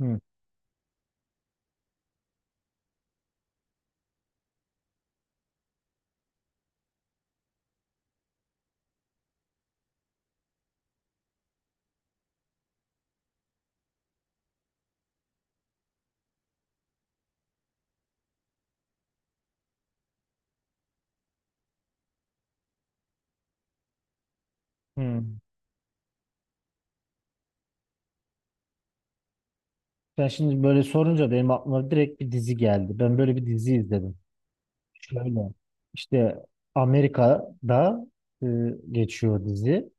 Hı, hı. Ben şimdi böyle sorunca benim aklıma direkt bir dizi geldi. Ben böyle bir dizi izledim. Şöyle işte Amerika'da e, geçiyor dizi.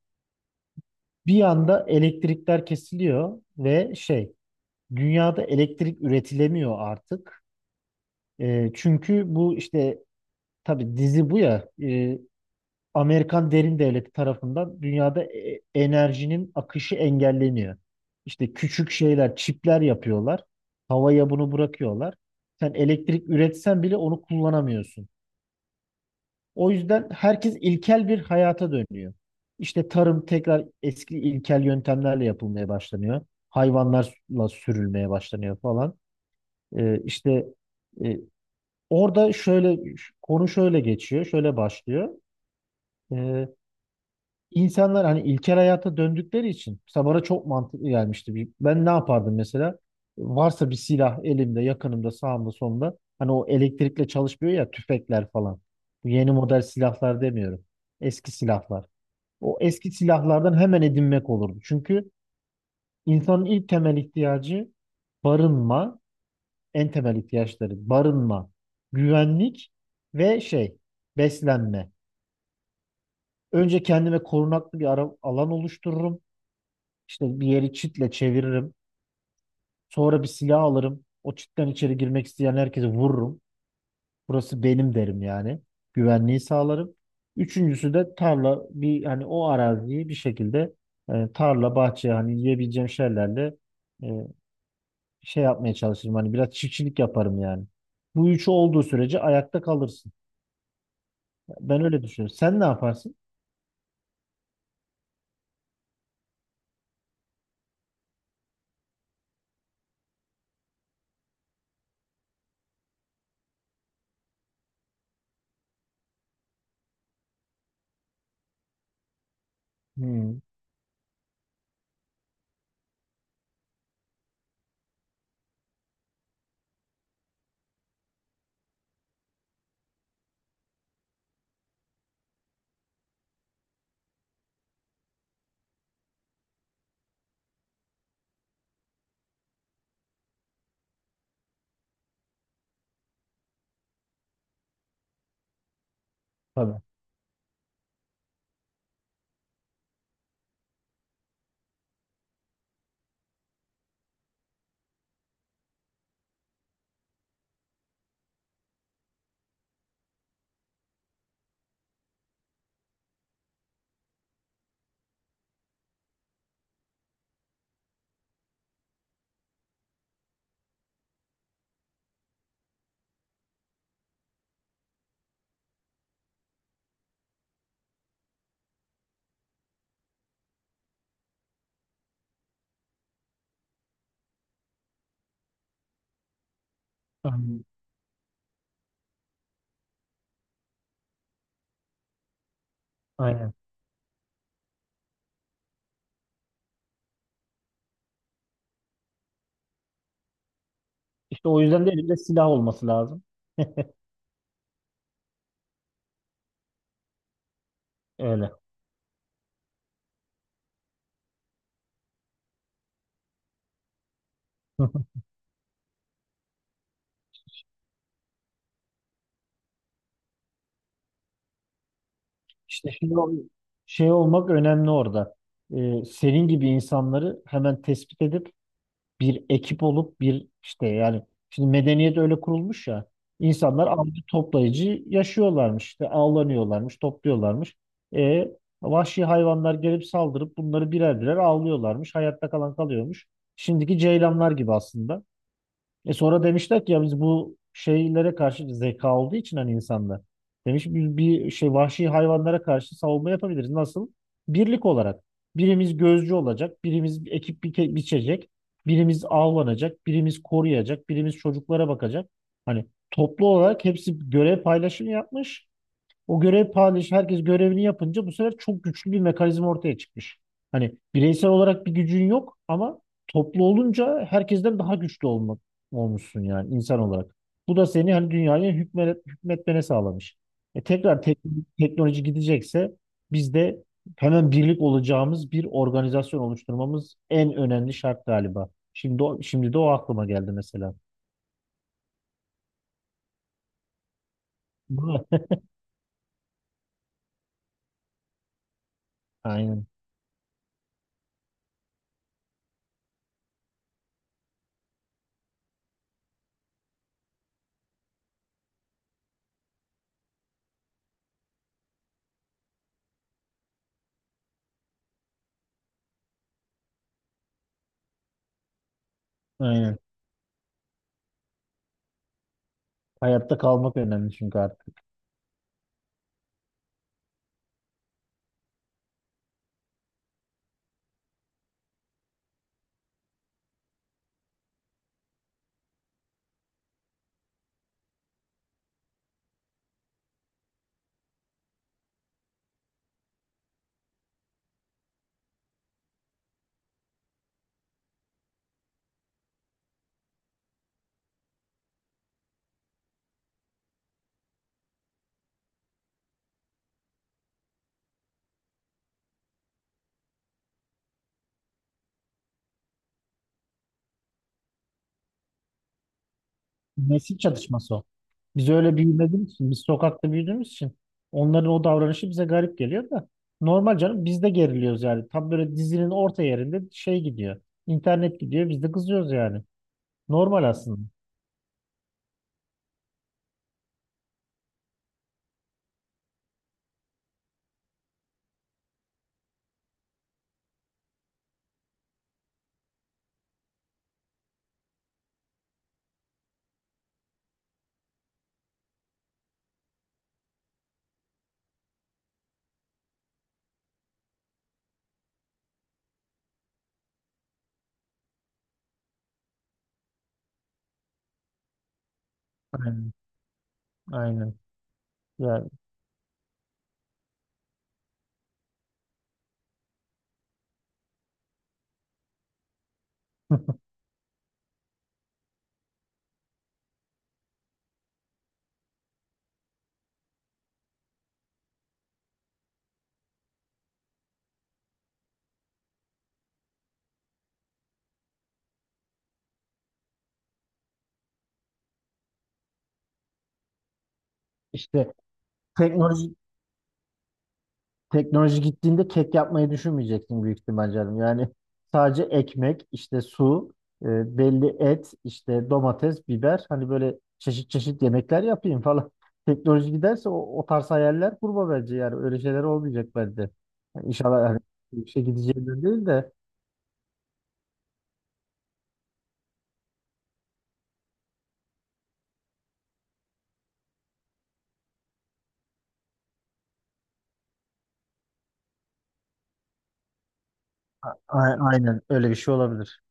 Bir anda elektrikler kesiliyor ve şey dünyada elektrik üretilemiyor artık. Çünkü bu işte tabii dizi bu ya Amerikan derin devleti tarafından dünyada enerjinin akışı engelleniyor. İşte küçük şeyler, çipler yapıyorlar. Havaya bunu bırakıyorlar. Sen elektrik üretsen bile onu kullanamıyorsun. O yüzden herkes ilkel bir hayata dönüyor. İşte tarım tekrar eski ilkel yöntemlerle yapılmaya başlanıyor. Hayvanlarla sürülmeye başlanıyor falan. İşte e, orada şöyle konu şöyle geçiyor, şöyle başlıyor. Ee, İnsanlar hani ilkel hayata döndükleri için mesela bana çok mantıklı gelmişti. Ben ne yapardım mesela? Varsa bir silah elimde, yakınımda, sağımda, solumda. Hani o elektrikle çalışmıyor ya tüfekler falan. Bu yeni model silahlar demiyorum. Eski silahlar. O eski silahlardan hemen edinmek olurdu. Çünkü insanın ilk temel ihtiyacı barınma, en temel ihtiyaçları barınma, güvenlik ve şey beslenme. Önce kendime korunaklı alan oluştururum. İşte bir yeri çitle çeviririm. Sonra bir silah alırım. O çitten içeri girmek isteyen herkese vururum. Burası benim derim yani. Güvenliği sağlarım. Üçüncüsü de tarla bir hani o araziyi bir şekilde tarla bahçe hani yiyebileceğim şeylerle e, şey yapmaya çalışırım. Hani biraz çiftçilik yaparım yani. Bu üçü olduğu sürece ayakta kalırsın. Ben öyle düşünüyorum. Sen ne yaparsın? Hmm, tabii. Aynen. Aynen. İşte o yüzden de elimde silah olması lazım. Öyle. İşte şey olmak önemli orada. Senin gibi insanları hemen tespit edip bir ekip olup bir işte yani şimdi medeniyet öyle kurulmuş ya insanlar avcı toplayıcı yaşıyorlarmış işte avlanıyorlarmış topluyorlarmış. E, Vahşi hayvanlar gelip saldırıp bunları birer birer avlıyorlarmış hayatta kalan kalıyormuş. Şimdiki ceylanlar gibi aslında. E sonra demişler ki ya biz bu şeylere karşı zeka olduğu için hani insanda. Demiş biz bir şey vahşi hayvanlara karşı savunma yapabiliriz. Nasıl? Birlik olarak. Birimiz gözcü olacak, biçecek, birimiz avlanacak, birimiz koruyacak, birimiz çocuklara bakacak. Hani toplu olarak hepsi görev paylaşımı yapmış. O görev paylaşı herkes görevini yapınca bu sefer çok güçlü bir mekanizma ortaya çıkmış. Hani bireysel olarak bir gücün yok ama toplu olunca herkesten daha güçlü olmuşsun yani insan olarak. Bu da seni hani hükmetmene sağlamış. E tekrar tek- teknoloji gidecekse biz de hemen birlik olacağımız bir organizasyon oluşturmamız en önemli şart galiba. Şimdi de o aklıma geldi mesela. Değil mi? Aynen. Aynen. Hayatta kalmak önemli çünkü artık. Nesil çatışması o. Biz öyle büyümediğimiz için, biz sokakta büyüdüğümüz için onların o davranışı bize garip geliyor da normal canım biz de geriliyoruz yani. Tam böyle dizinin orta yerinde şey gidiyor. İnternet gidiyor biz de kızıyoruz yani. Normal aslında. Aynen. Aynen. Yani işte teknoloji teknoloji gittiğinde kek yapmayı düşünmeyeceksin büyük ihtimal canım. Yani sadece ekmek, işte su, belli et, işte domates, biber hani böyle çeşit çeşit yemekler yapayım falan. Teknoloji giderse o tarz hayaller kurma bence yani öyle şeyler olmayacak bence. Yani inşallah hani bir şey gideceğinden değil de aynen öyle bir şey olabilir.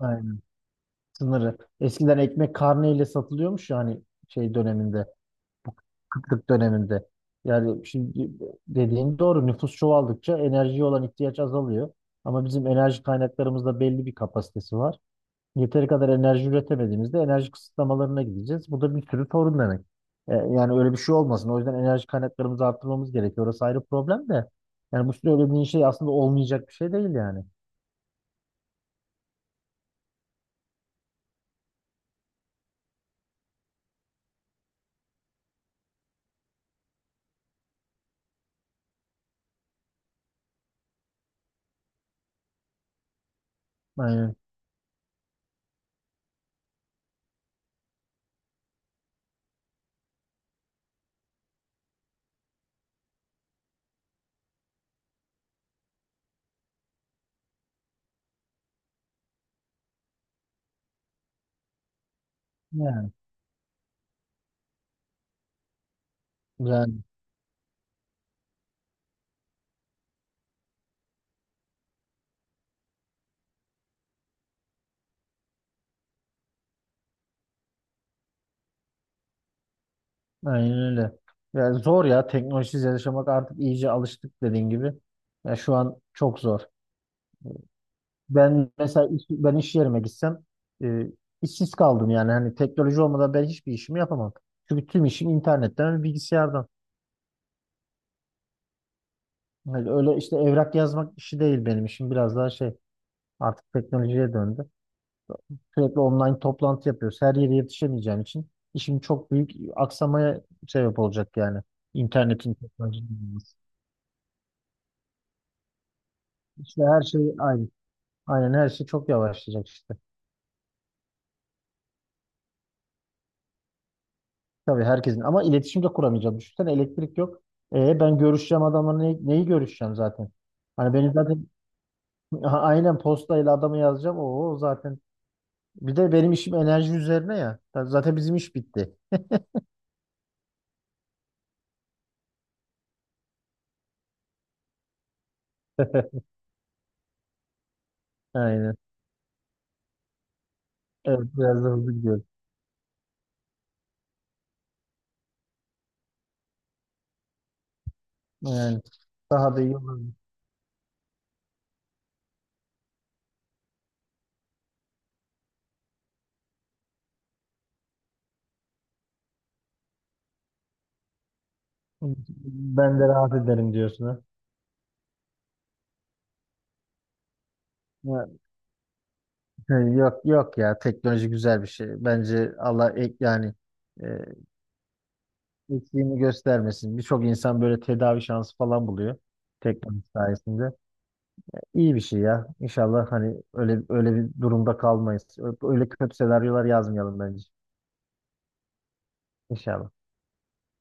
Aynen sınırı. Eskiden ekmek karneyle satılıyormuş yani şey döneminde. Kıtlık döneminde. Yani şimdi dediğin doğru nüfus çoğaldıkça enerjiye olan ihtiyaç azalıyor. Ama bizim enerji kaynaklarımızda belli bir kapasitesi var. Yeteri kadar enerji üretemediğimizde enerji kısıtlamalarına gideceğiz. Bu da bir sürü sorun demek. Yani öyle bir şey olmasın. O yüzden enerji kaynaklarımızı arttırmamız gerekiyor. Orası ayrı problem de. Yani bu söylediğin şey aslında olmayacak bir şey değil yani. Aynen. Yani, yani aynen öyle. Yani zor ya teknolojisiz yaşamak artık iyice alıştık dediğin gibi. Ya şu an çok zor. Ben iş yerime gitsem e, işsiz kaldım yani hani teknoloji olmadan ben hiçbir işimi yapamam. Çünkü tüm işim internetten ve bilgisayardan. Hani öyle işte evrak yazmak işi değil benim işim biraz daha şey artık teknolojiye döndü. Sürekli online toplantı yapıyoruz. Her yere yetişemeyeceğim için işim çok büyük aksamaya sebep olacak yani. İnternetin teknolojinin olması. İşte her şey aynı. Aynen her şey çok yavaşlayacak işte. Tabii herkesin ama iletişim de kuramayacağım. Düşünsene elektrik yok. Ben görüşeceğim adamla neyi görüşeceğim zaten? Hani benim zaten aynen postayla adamı yazacağım. O zaten bir de benim işim enerji üzerine ya. Zaten bizim iş bitti. Aynen. Evet biraz da hızlı gidiyoruz. Yani daha da iyi olur. Ben de rahat ederim diyorsun ha. Ya, yok yok ya teknoloji güzel bir şey. Bence Allah ek yani e, eksiğini göstermesin. Birçok insan böyle tedavi şansı falan buluyor teknoloji sayesinde. İyi bir şey ya. İnşallah hani öyle öyle bir durumda kalmayız. Öyle kötü senaryolar yazmayalım bence. İnşallah.